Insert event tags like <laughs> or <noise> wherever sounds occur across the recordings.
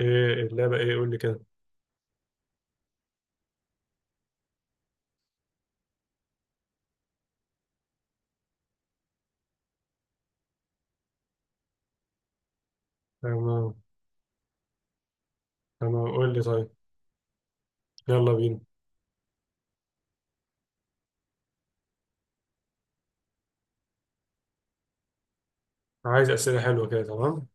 ايه اللعبة؟ ايه، قول لي كده. تمام. تمام، قول لي طيب. يلا بينا. عايز أسئلة حلوة كده، تمام.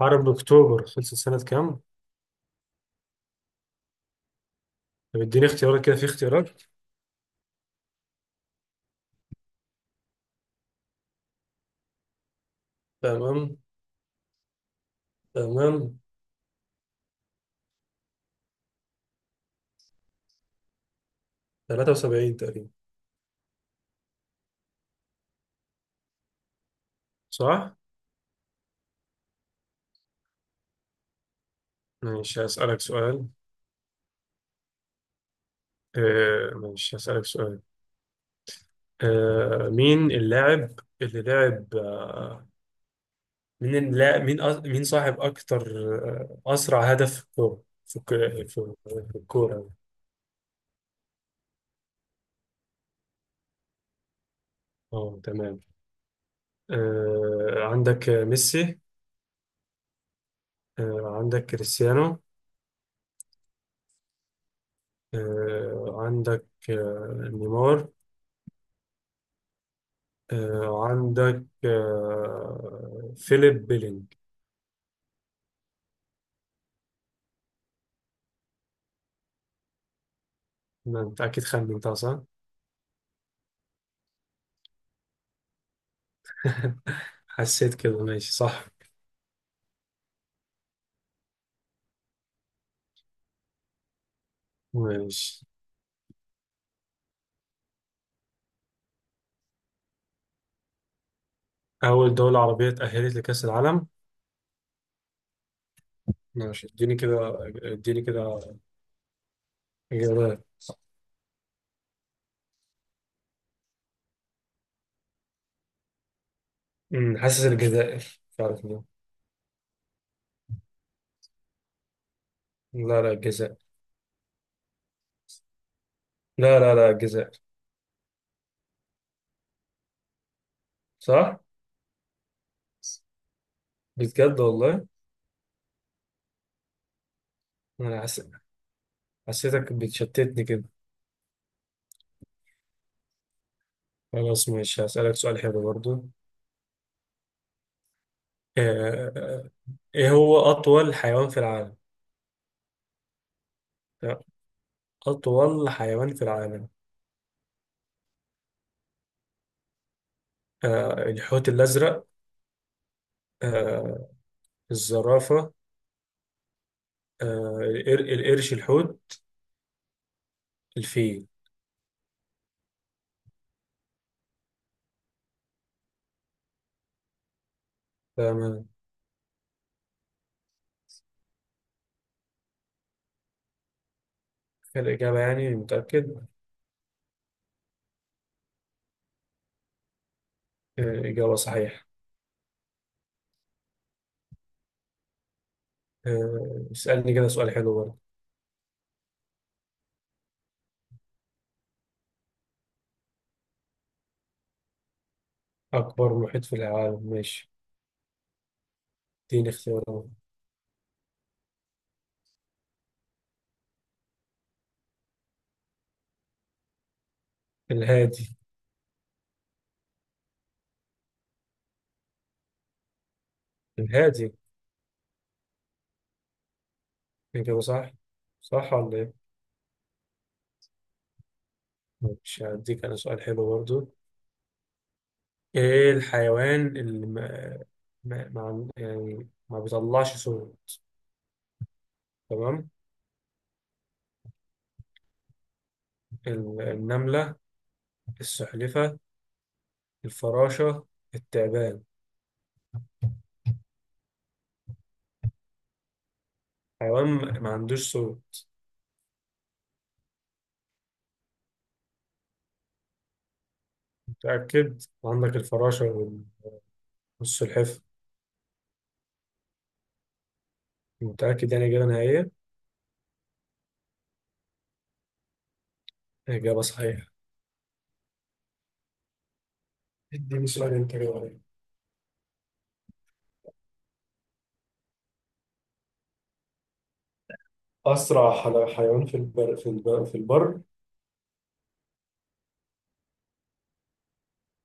حرب أكتوبر خلصت سنة كام؟ طب اديني اختيارات كده، في اختيارات. تمام. تمام. 73 تقريبا. صح؟ ماشي، هسألك سؤال. ماشي، هسألك سؤال. مين اللاعب اللي لعب، مين اللاعب، مين صاحب أكتر. أسرع هدف في الكورة، في الكورة. اه، تمام. عندك ميسي. عندك كريستيانو. عندك نيمار. عندك فيليب بيلينج. ما انت اكيد خمنتها صح. <laughs> حسيت كده، ماشي صح. ماشي، اول دولة عربية تأهلت لكأس العالم. ماشي، اديني كده، اديني كده اجابات. حاسس الجزائر، مش عارف ليه. لا لا الجزائر. لا لا لا الجزائر. صح. بجد والله. انا حسيتك بتشتتني كده. خلاص، ماشي، هسألك سؤال حلو برضو. آه، آه، ايه هو أطول حيوان في العالم؟ أطول حيوان في العالم. الحوت الأزرق. آه، الزرافة. القرش الحوت. الفيل. تمام. الإجابة يعني، متأكد. إجابة صحيحة. اسألني كده سؤال حلو برضه. أكبر محيط في العالم، ماشي. اديني اختيارات. الهادي. الهادي. إجابة صح. صح ولا إيه؟ مش هديك أنا سؤال حلو برضه. ايه الحيوان اللي ما، يعني ما بيطلعش صوت. تمام. النملة. السلحفة. الفراشة. التعبان. حيوان ما عندوش صوت. متأكد، عندك الفراشة والسلحفة. متأكد يعني، إجابة نهائية. إجابة صحيحة. اديني سؤال انت كده عليا. حيوان في البر، في البر.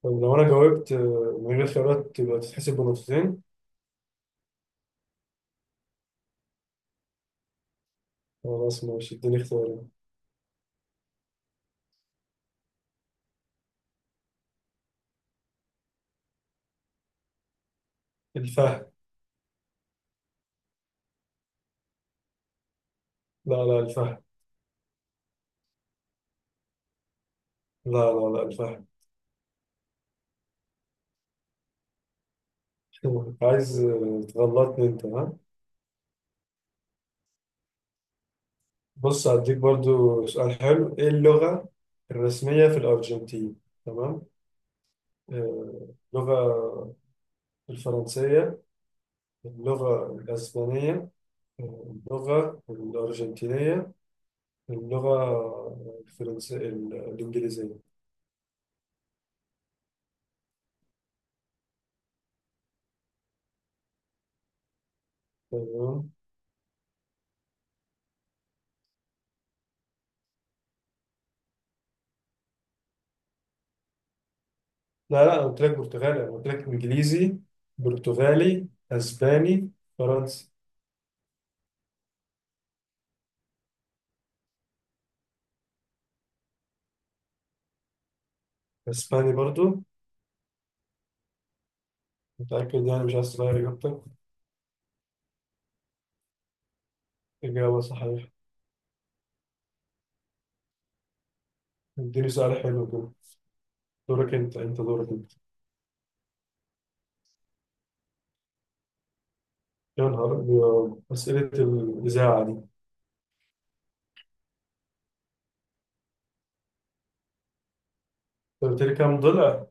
طب لو أنا جاوبت من غير خيارات، تبقى تتحسب بنقطتين. خلاص، ماشي، اديني اختيارات. الفهد. لا لا الفهد. لا لا لا الفهم. <laughs> عايز تغلطني انت، ها. بص، هديك برضو سؤال حلو. ايه اللغة الرسمية في الأرجنتين؟ تمام. آه، اللغة الفرنسية، اللغة الأسبانية، اللغة الأرجنتينية، اللغة الفرنسية، الإنجليزية. تمام. لا لا، أنا قلت لك برتغالي، أنا قلت لك إنجليزي، برتغالي، أسباني، فرنسي. أسباني برضو. متأكد يعني، مش عايز تغير إجابتك؟ إجابة صحيحة. اديني سؤال حلو كده. دورك أنت، دورك أنت. يا نهار أبيض، أسئلة الإذاعة دي أنت. قلت لي كام ضلع؟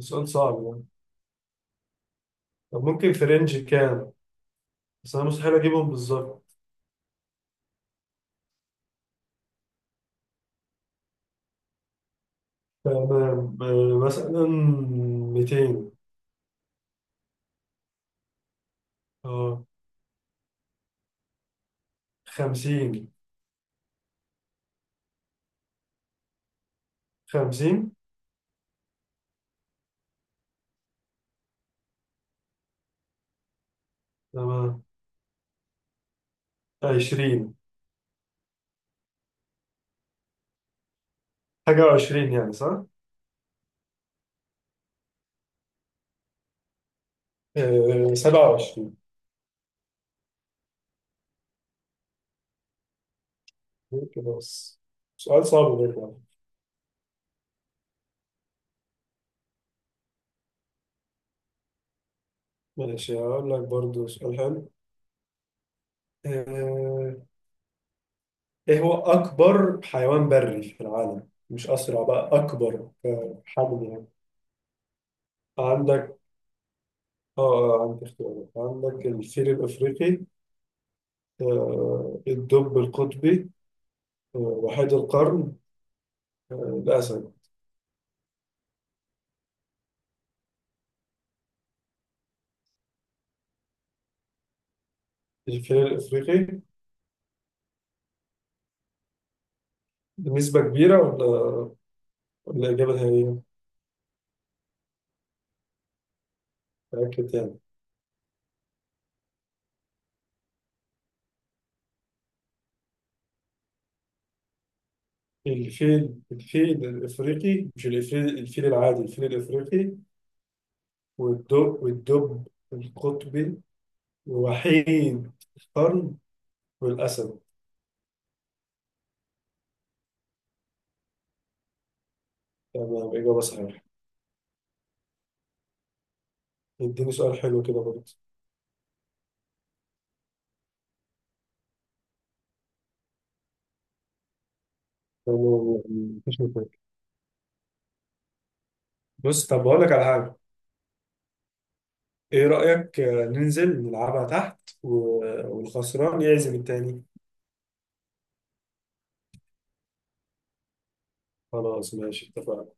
سؤال صعب يعني. طب ممكن في رينج كام؟ بس أنا مستحيل أجيبهم بالظبط. تمام. مثلا 200. أه. 50. 50. تمام. 20. حاجة 20 يعني، صح؟ 27. كده بس. سؤال صعب برضه يعني. ماشي، هقول لك برضه سؤال حلو. آه، ايه هو اكبر حيوان بري في العالم؟ مش اسرع بقى، اكبر حجم يعني. عندك عندك اختيارات. عندك الفيل الافريقي، الدب القطبي، وحيد القرن، الاسد. الفيل الافريقي. بنسبة كبيرة ولا الاجابة النهائية؟ متأكد تاني؟ الفيل، الفيل الافريقي، مش الفيل، الفيل العادي، الفيل الافريقي. والدب القطبي، وحيد القرن، والأسد. تمام، إجابة صحيحة. اديني سؤال حلو كده برضه. تمام، مفيش مشاكل. بص، طب بقول لك على حاجة. إيه رأيك ننزل نلعبها تحت والخسران يعزم التاني؟ خلاص، ماشي، اتفقنا.